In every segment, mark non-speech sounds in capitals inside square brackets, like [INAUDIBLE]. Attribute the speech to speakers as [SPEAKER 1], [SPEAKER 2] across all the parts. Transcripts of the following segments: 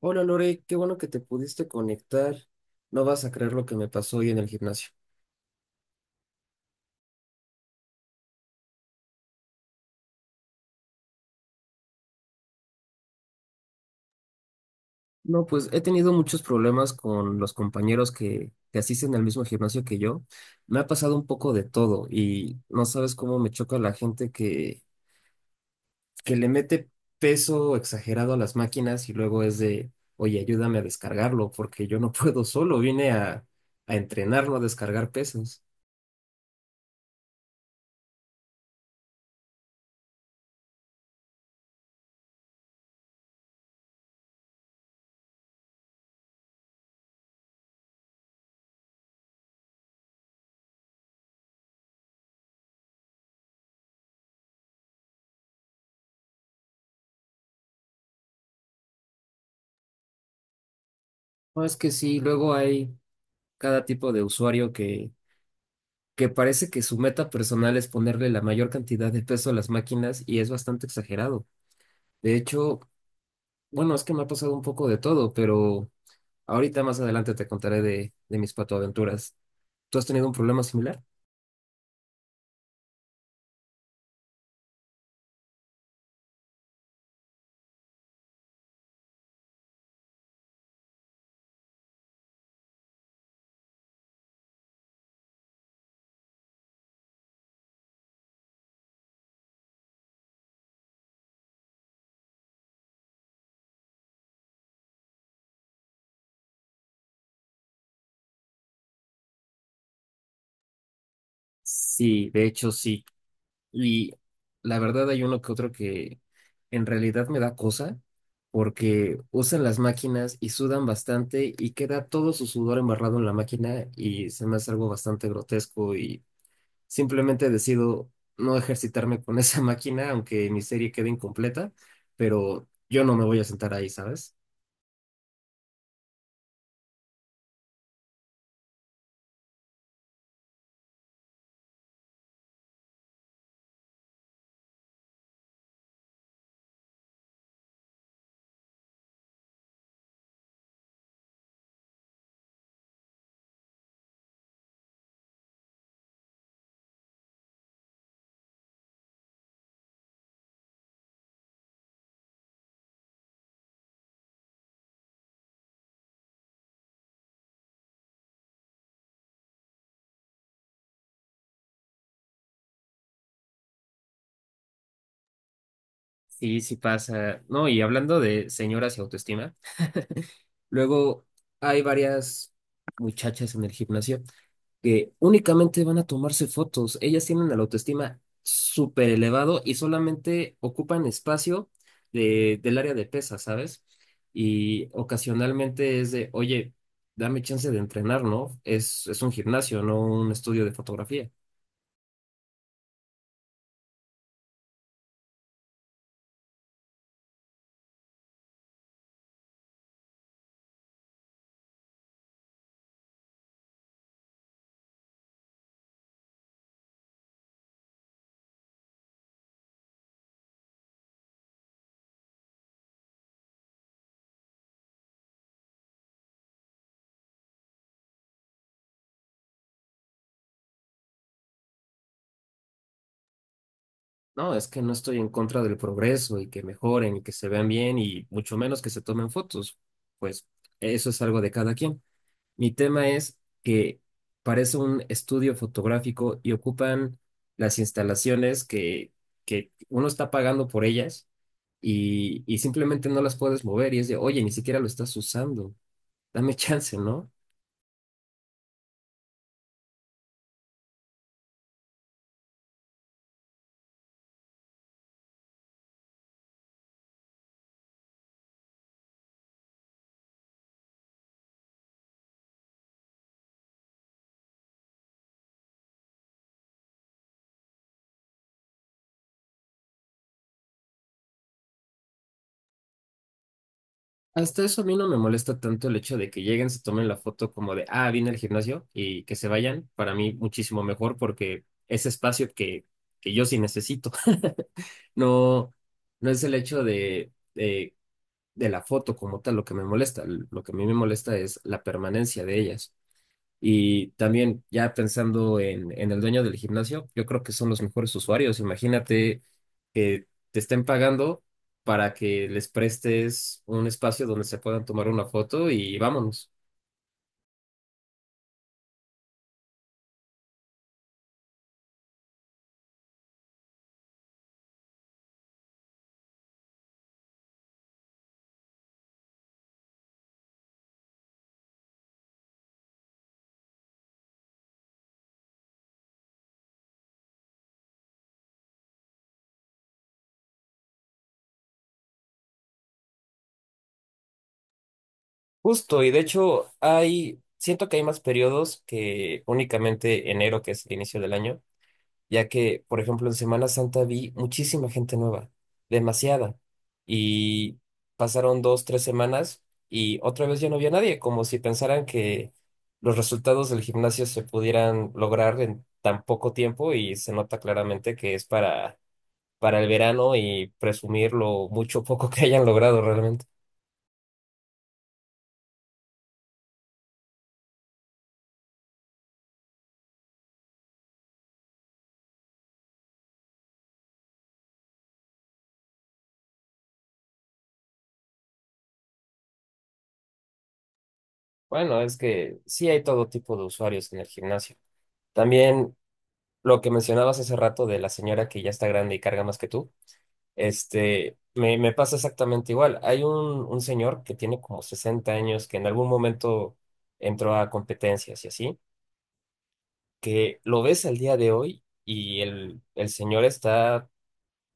[SPEAKER 1] Hola Lore, qué bueno que te pudiste conectar. No vas a creer lo que me pasó hoy en el gimnasio. No, pues he tenido muchos problemas con los compañeros que asisten al mismo gimnasio que yo. Me ha pasado un poco de todo y no sabes cómo me choca la gente que le mete peso exagerado a las máquinas y luego es de, oye, ayúdame a descargarlo porque yo no [LAUGHS] puedo solo, vine a entrenarlo, a descargar pesos. No, es que sí, luego hay cada tipo de usuario que parece que su meta personal es ponerle la mayor cantidad de peso a las máquinas y es bastante exagerado. De hecho, bueno, es que me ha pasado un poco de todo, pero ahorita más adelante te contaré de mis patoaventuras. ¿Tú has tenido un problema similar? Sí, de hecho sí. Y la verdad hay uno que otro que en realidad me da cosa porque usan las máquinas y sudan bastante y queda todo su sudor embarrado en la máquina y se me hace algo bastante grotesco y simplemente decido no ejercitarme con esa [LAUGHS] máquina, aunque mi serie quede incompleta, pero yo no me voy a sentar ahí, ¿sabes? Sí, sí pasa. No, y hablando de señoras y autoestima, luego hay varias muchachas en el gimnasio que únicamente van a tomarse fotos. Ellas tienen la autoestima súper elevado y solamente ocupan espacio del área de pesas, ¿sabes? Y ocasionalmente es de, oye, dame chance de entrenar, ¿no? Es un gimnasio, no un estudio de fotografía. No, es que no estoy en contra del progreso y que mejoren y que se vean bien y mucho menos que se tomen fotos. Pues eso es algo de cada quien. Mi tema es que parece un estudio fotográfico y ocupan las instalaciones que uno está pagando por ellas y simplemente no las puedes mover y es de, oye, ni siquiera lo estás usando, dame [LAUGHS] chance, ¿no? Hasta eso a mí no me molesta tanto el hecho de que lleguen, se tomen la foto como de, ah, vine al gimnasio y que se vayan, para mí muchísimo mejor porque ese espacio que yo sí necesito, [LAUGHS] no, no es el hecho de... de la foto como tal lo que me molesta. Lo que a mí me molesta es la permanencia de ellas. Y también ya pensando en el dueño del gimnasio, yo creo que son los mejores usuarios. Imagínate que te estén pagando para que les prestes un espacio donde se puedan tomar una foto y vámonos. Justo, y de hecho hay, siento que hay más periodos que únicamente enero, que es el inicio del año, ya que, por ejemplo, en Semana Santa vi muchísima gente nueva, demasiada, y pasaron dos, tres semanas y otra vez ya no había nadie, como si pensaran que los resultados del gimnasio se pudieran lograr en tan poco tiempo y se nota claramente que es para el verano y presumir lo mucho o poco que hayan logrado realmente. Bueno, es que sí hay todo tipo de usuarios en el gimnasio. También lo que mencionabas hace rato de la señora que ya está grande y carga más que tú. Este, me pasa exactamente igual. Hay un señor que tiene como 60 años, que en algún momento entró a competencias y así, que lo ves al día de hoy y el señor está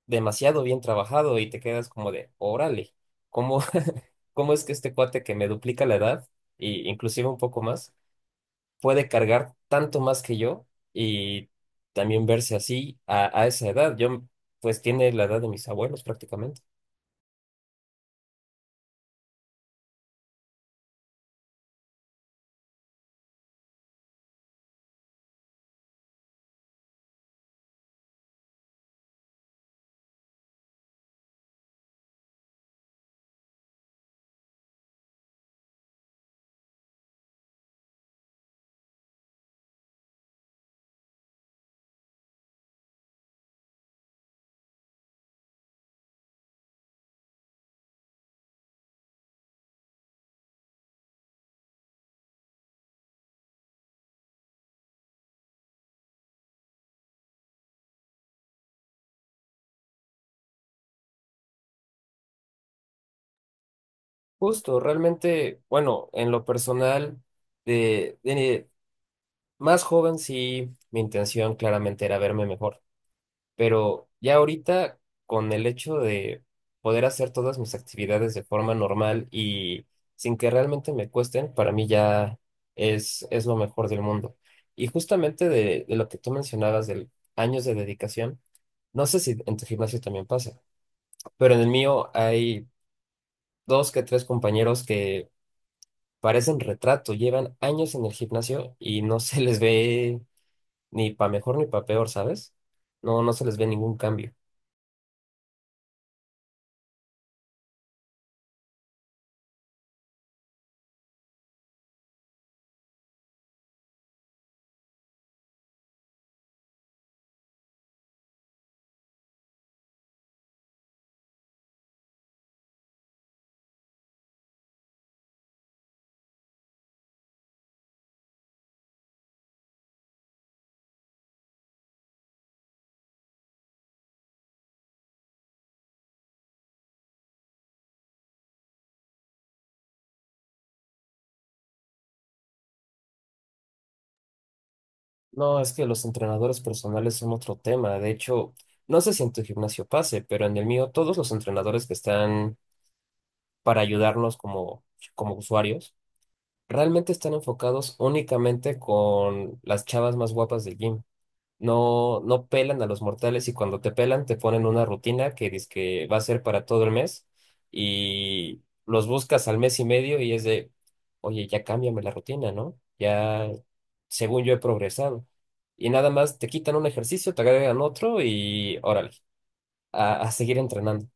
[SPEAKER 1] demasiado bien trabajado y te quedas como de, órale, ¿cómo, [LAUGHS] cómo es que este cuate que me duplica la edad, y inclusive un poco más, puede cargar tanto más que yo y también verse así a esa edad? Yo, pues tiene la edad de mis abuelos prácticamente. Justo, realmente, bueno, en lo personal, de más joven sí, mi intención claramente era verme mejor, pero ya ahorita con el hecho de poder hacer todas mis actividades de forma normal y sin que realmente me cuesten, para mí ya es lo mejor del mundo. Y justamente de lo que tú mencionabas del años de dedicación, no sé si en tu gimnasio también pasa, pero en el mío hay dos que tres compañeros que parecen retrato, llevan años en el gimnasio y no se les ve ni para mejor ni para peor, ¿sabes? No, no se les ve ningún cambio. No, es que los entrenadores personales son otro tema. De hecho, no sé si en tu gimnasio pase, pero en el mío todos los entrenadores que están para ayudarnos como usuarios realmente están enfocados únicamente con las chavas más guapas del gym. No, no pelan a los mortales y cuando te pelan te ponen una rutina que dice que va a ser para todo el mes y los buscas al mes y medio y es de, oye, ya cámbiame la rutina, ¿no? Ya, según yo he progresado. Y nada más te quitan un ejercicio, te agregan otro y órale, a seguir entrenando.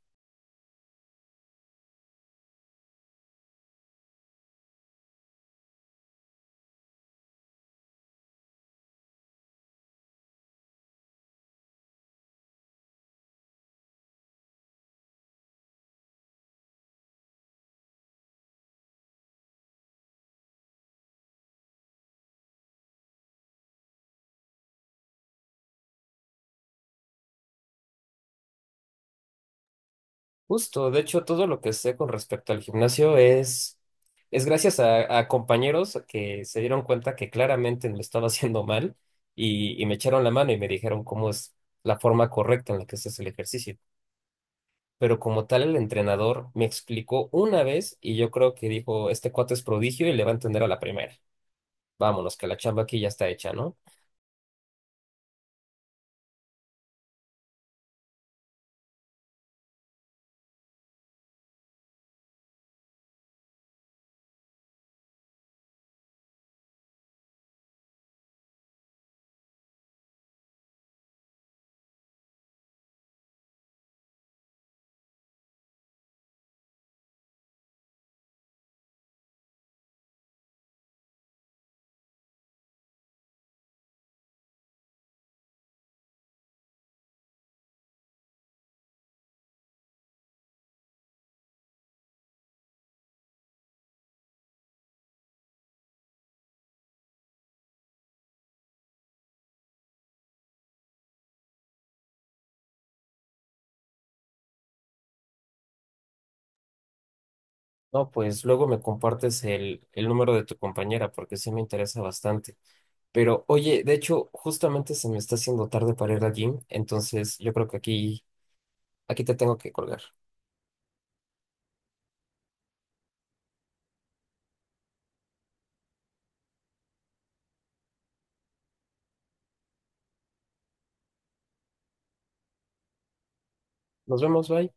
[SPEAKER 1] Justo, de hecho, todo lo que sé con respecto al gimnasio es gracias a compañeros que se dieron cuenta que claramente lo estaba [LAUGHS] haciendo mal y me echaron la mano y me dijeron cómo es la forma correcta en la que se el ejercicio. Pero como tal, el entrenador me explicó una vez y yo creo que dijo, este cuate es prodigio y le va a entender a la primera. Vámonos, que la chamba aquí ya está hecha, ¿no? No, pues luego me compartes el número de tu compañera porque sí me interesa bastante. Pero oye, de hecho, justamente se me está haciendo tarde para ir al gym, entonces yo creo que aquí, aquí te tengo que colgar. Nos vemos, bye.